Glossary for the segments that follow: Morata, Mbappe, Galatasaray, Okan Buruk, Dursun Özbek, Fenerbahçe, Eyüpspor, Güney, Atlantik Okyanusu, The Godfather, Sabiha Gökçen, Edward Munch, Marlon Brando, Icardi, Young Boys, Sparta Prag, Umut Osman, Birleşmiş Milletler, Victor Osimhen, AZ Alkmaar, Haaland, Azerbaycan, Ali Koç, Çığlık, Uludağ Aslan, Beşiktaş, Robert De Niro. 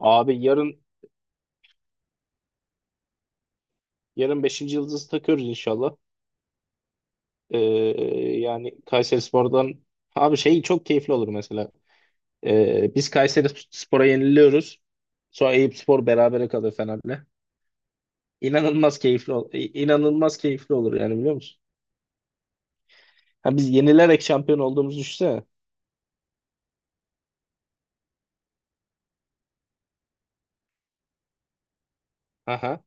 Abi yarın beşinci yıldızı takıyoruz inşallah. Ee, yani Kayserispor'dan abi şey çok keyifli olur mesela. Biz Kayserispor'a yeniliyoruz. Sonra Eyüpspor berabere kalır Fener'le. İnanılmaz keyifli ol inanılmaz keyifli olur yani biliyor musun? Ha, biz yenilerek şampiyon olduğumuzu düşünsene. Aha.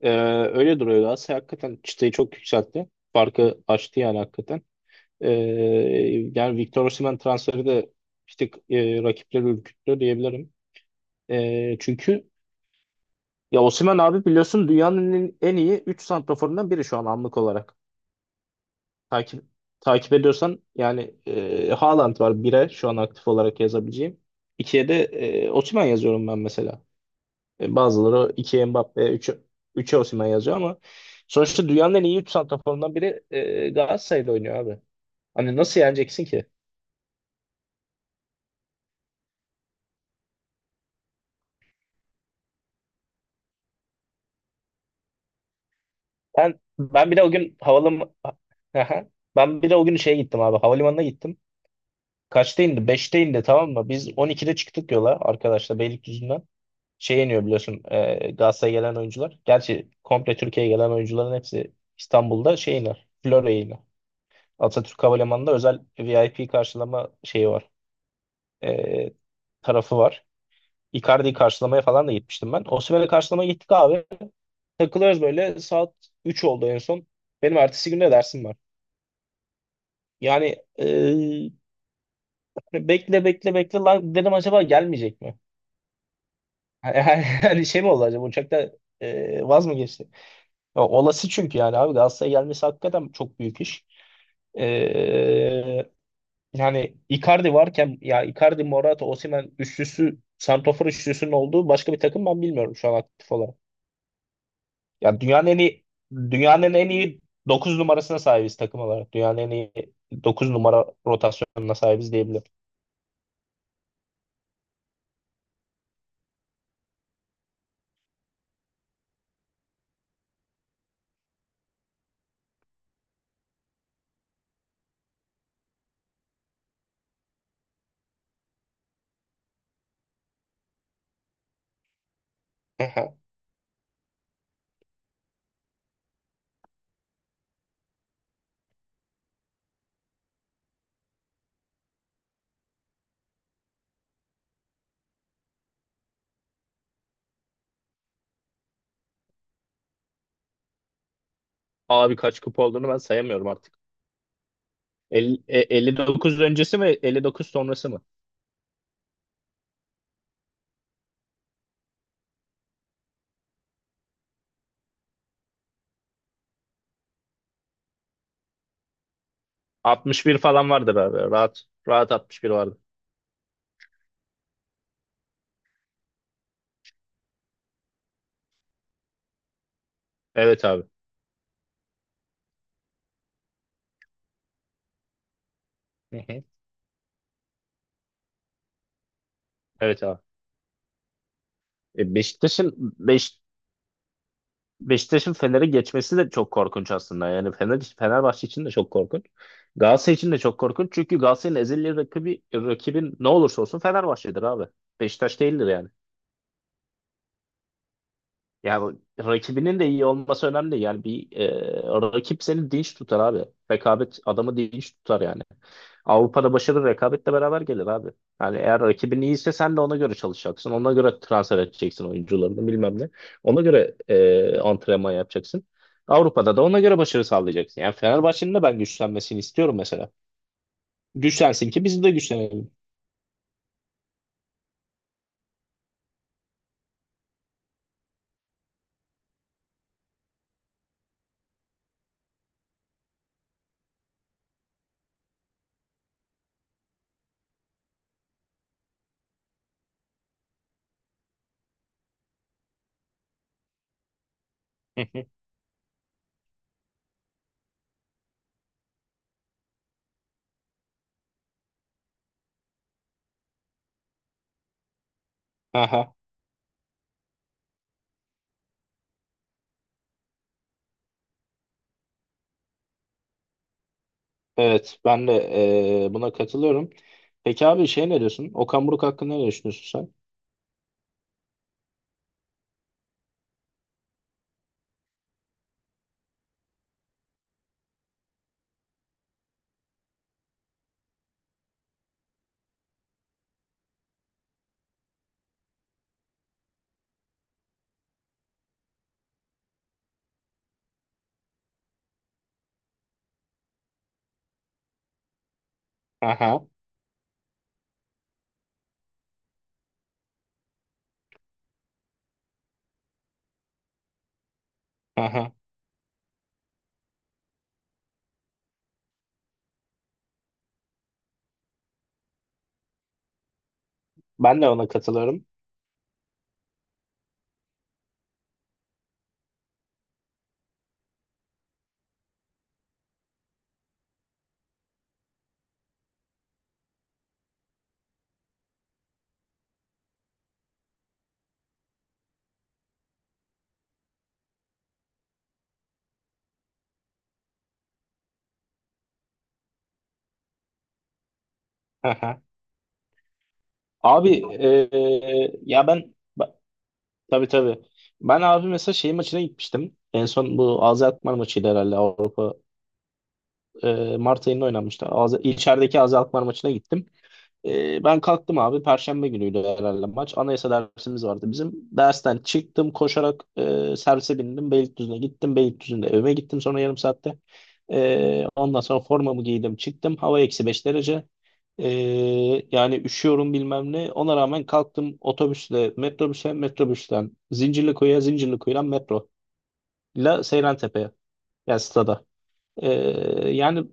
Ee, öyle duruyor, Galatasaray hakikaten çıtayı çok yükseltti. Farkı açtı yani hakikaten. Ee, yani Victor Osimhen transferi de bir tık rakipleri ürküttü diyebilirim. Çünkü ya Osimhen abi biliyorsun dünyanın en iyi 3 santraforundan biri şu an, anlık olarak. Takip takip ediyorsan yani Haaland var bire, şu an aktif olarak yazabileceğim. İkiye de Osimhen yazıyorum ben mesela. Bazıları 2'ye Mbappe, 3'e Osimhen yazıyor ama sonuçta dünyanın en iyi 3 santraforundan biri Galatasaray'da oynuyor abi. Hani nasıl yeneceksin ki? Ben ben bile o gün havalim Ben bile o gün şeye gittim abi. Havalimanına gittim. Kaçta indi? 5'te indi, tamam mı? Biz 12'de çıktık yola arkadaşlar, Beylikdüzü'nden. Şey iniyor biliyorsun, Galatasaray'a gelen oyuncular. Gerçi komple Türkiye'ye gelen oyuncuların hepsi İstanbul'da şey iner, Florya'ya iner. Atatürk Havalimanı'nda özel VIP karşılama şeyi var. E, tarafı var. Icardi'yi karşılamaya falan da gitmiştim ben. Osimhen'i karşılamaya gittik abi. Takılıyoruz böyle. Saat 3 oldu en son. Benim ertesi günde dersim var. Yani e, hani bekle bekle bekle lan dedim, acaba gelmeyecek mi? Yani, yani şey mi oldu acaba uçakta, vaz mı geçti? Ya, olası çünkü yani abi Galatasaray'a gelmesi hakikaten çok büyük iş. E, yani Icardi varken, ya Icardi, Morata, Osimhen üçlüsü, santrafor üçlüsünün olduğu başka bir takım ben bilmiyorum şu an aktif olarak. Ya dünyanın en iyi 9 numarasına sahibiz takım olarak. Dünyanın en iyi 9 numara rotasyonuna sahibiz diyebilirim. Aha. Abi kaç kupa olduğunu ben sayamıyorum artık. 59 öncesi mi, 59 sonrası mı? 61 falan vardır abi. Rahat. Rahat 61 vardı. Evet abi. Hı hı. Evet abi. E, Beşiktaş'ın Beş, Beşiktaş'ın Fener'e geçmesi de çok korkunç aslında. Yani Fenerbahçe için de çok korkunç. Galatasaray için de çok korkunç. Çünkü Galatasaray'ın ezeli rakibi, rakibin ne olursa olsun, Fenerbahçe'dir abi. Beşiktaş değildir yani. Yani rakibinin de iyi olması önemli değil. Yani bir rakip seni dinç tutar abi. Rekabet adamı dinç tutar yani. Avrupa'da başarı rekabetle beraber gelir abi. Yani eğer rakibin iyiyse sen de ona göre çalışacaksın, ona göre transfer edeceksin oyuncularını bilmem ne, ona göre antrenman yapacaksın, Avrupa'da da ona göre başarı sağlayacaksın. Yani Fenerbahçe'nin de ben güçlenmesini istiyorum mesela. Güçlensin ki biz de güçlenelim. Evet, ben de buna katılıyorum. Peki abi şey ne diyorsun, Okan Buruk hakkında ne düşünüyorsun sen? Aha, aha. Ben de ona katılıyorum. Aha. Abi ya tabii tabii. Ben abi mesela şey maçına gitmiştim. En son bu Azerbaycan maçıydı herhalde, Avrupa. Mart ayında oynanmıştı. Az, içerideki Azerbaycan maçına gittim. Ben kalktım abi. Perşembe günüydü herhalde maç. Anayasa dersimiz vardı bizim. Dersten çıktım koşarak, servise bindim. Beylikdüzü'ne gittim. Beylikdüzü'nde evime gittim sonra, yarım saatte. Ondan sonra formamı giydim çıktım. Hava -5 derece. Ee, yani üşüyorum, bilmem ne. Ona rağmen kalktım, otobüsle metrobüse, metrobüsten Zincirlikuyu'ya, Zincirlikuyu'dan metro. La, Seyrantepe'ye. Yani stada. Ee, yani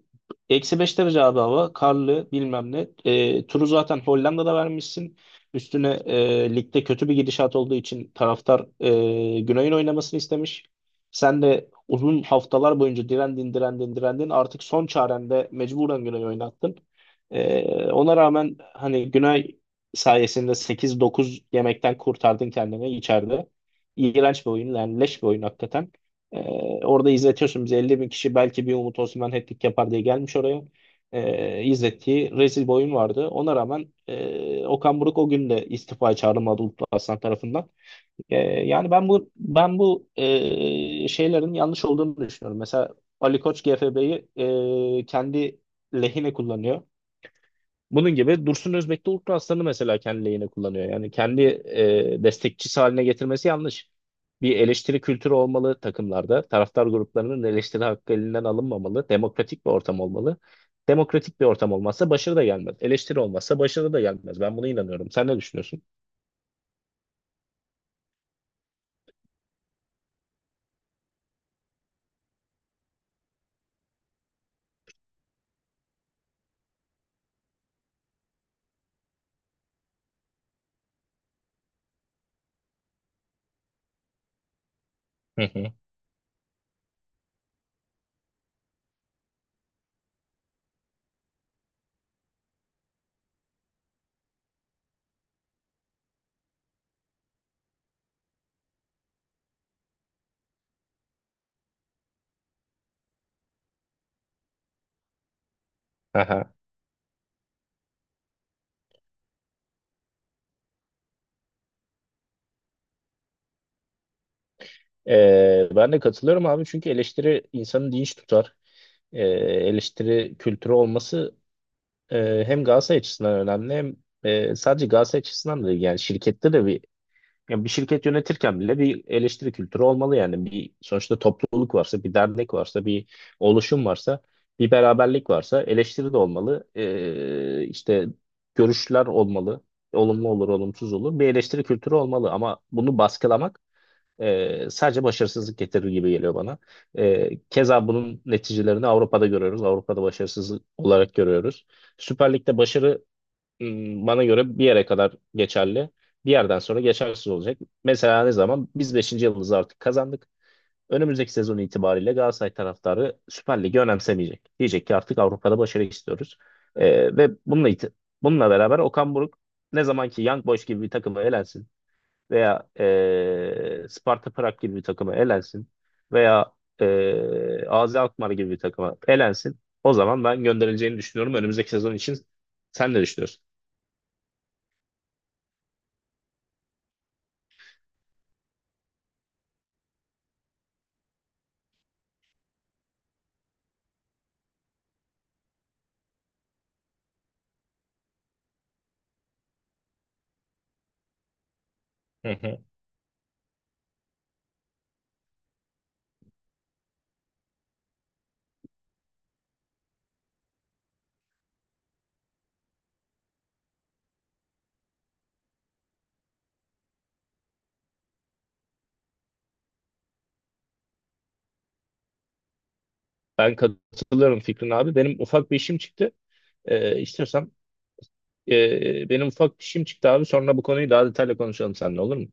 -5 derece abi hava. Karlı, bilmem ne. Turu zaten Hollanda'da vermişsin. Üstüne ligde kötü bir gidişat olduğu için taraftar Güney'in oynamasını istemiş. Sen de uzun haftalar boyunca direndin, direndin, direndin. Artık son çarende mecburen Güney'i oynattın. Ee, ona rağmen hani Güney sayesinde sekiz dokuz yemekten kurtardın kendini içeride. İğrenç bir oyun yani, leş bir oyun hakikaten. Ee, orada izletiyorsun bizi, 50 bin kişi belki bir Umut Osman hat-trick yapar diye gelmiş oraya. İzlettiği rezil bir oyun vardı. Ona rağmen Okan Buruk o gün de istifaya çağrılmadı Uludağ Aslan tarafından. Ee, yani ben bu şeylerin yanlış olduğunu düşünüyorum. Mesela Ali Koç GFB'yi kendi lehine kullanıyor. Bunun gibi Dursun Özbek de Ultra Aslan'ı mesela kendi lehine kullanıyor. Yani kendi destekçisi haline getirmesi yanlış. Bir eleştiri kültürü olmalı takımlarda. Taraftar gruplarının eleştiri hakkı elinden alınmamalı. Demokratik bir ortam olmalı. Demokratik bir ortam olmazsa başarı da gelmez. Eleştiri olmazsa başarı da gelmez. Ben buna inanıyorum. Sen ne düşünüyorsun? Hı hı. Aha. Ben de katılıyorum abi, çünkü eleştiri insanı dinç tutar, eleştiri kültürü olması hem Galatasaray açısından önemli, hem sadece Galatasaray açısından da değil. Yani şirkette de bir, yani bir şirket yönetirken bile bir eleştiri kültürü olmalı. Yani bir, sonuçta topluluk varsa, bir dernek varsa, bir oluşum varsa, bir beraberlik varsa, eleştiri de olmalı. E, işte görüşler olmalı, olumlu olur olumsuz olur, bir eleştiri kültürü olmalı, ama bunu baskılamak sadece başarısızlık getirir gibi geliyor bana. Keza bunun neticelerini Avrupa'da görüyoruz. Avrupa'da başarısızlık olarak görüyoruz. Süper Lig'de başarı, bana göre bir yere kadar geçerli. Bir yerden sonra geçersiz olacak. Mesela ne zaman? Biz beşinci yılımızı artık kazandık. Önümüzdeki sezon itibariyle Galatasaray taraftarı Süper Lig'i önemsemeyecek. Diyecek ki artık Avrupa'da başarı istiyoruz. Ve bununla beraber Okan Buruk, ne zaman ki Young Boys gibi bir takıma elensin, veya Sparta Prag gibi bir takıma elensin, veya AZ Alkmaar gibi bir takıma elensin, o zaman ben gönderileceğini düşünüyorum. Önümüzdeki sezon için sen ne düşünüyorsun? Hı hı. Ben katılıyorum Fikrin abi. Benim ufak bir işim çıktı. İstiyorsan benim ufak bir işim çıktı abi. Sonra bu konuyu daha detaylı konuşalım seninle, olur mu?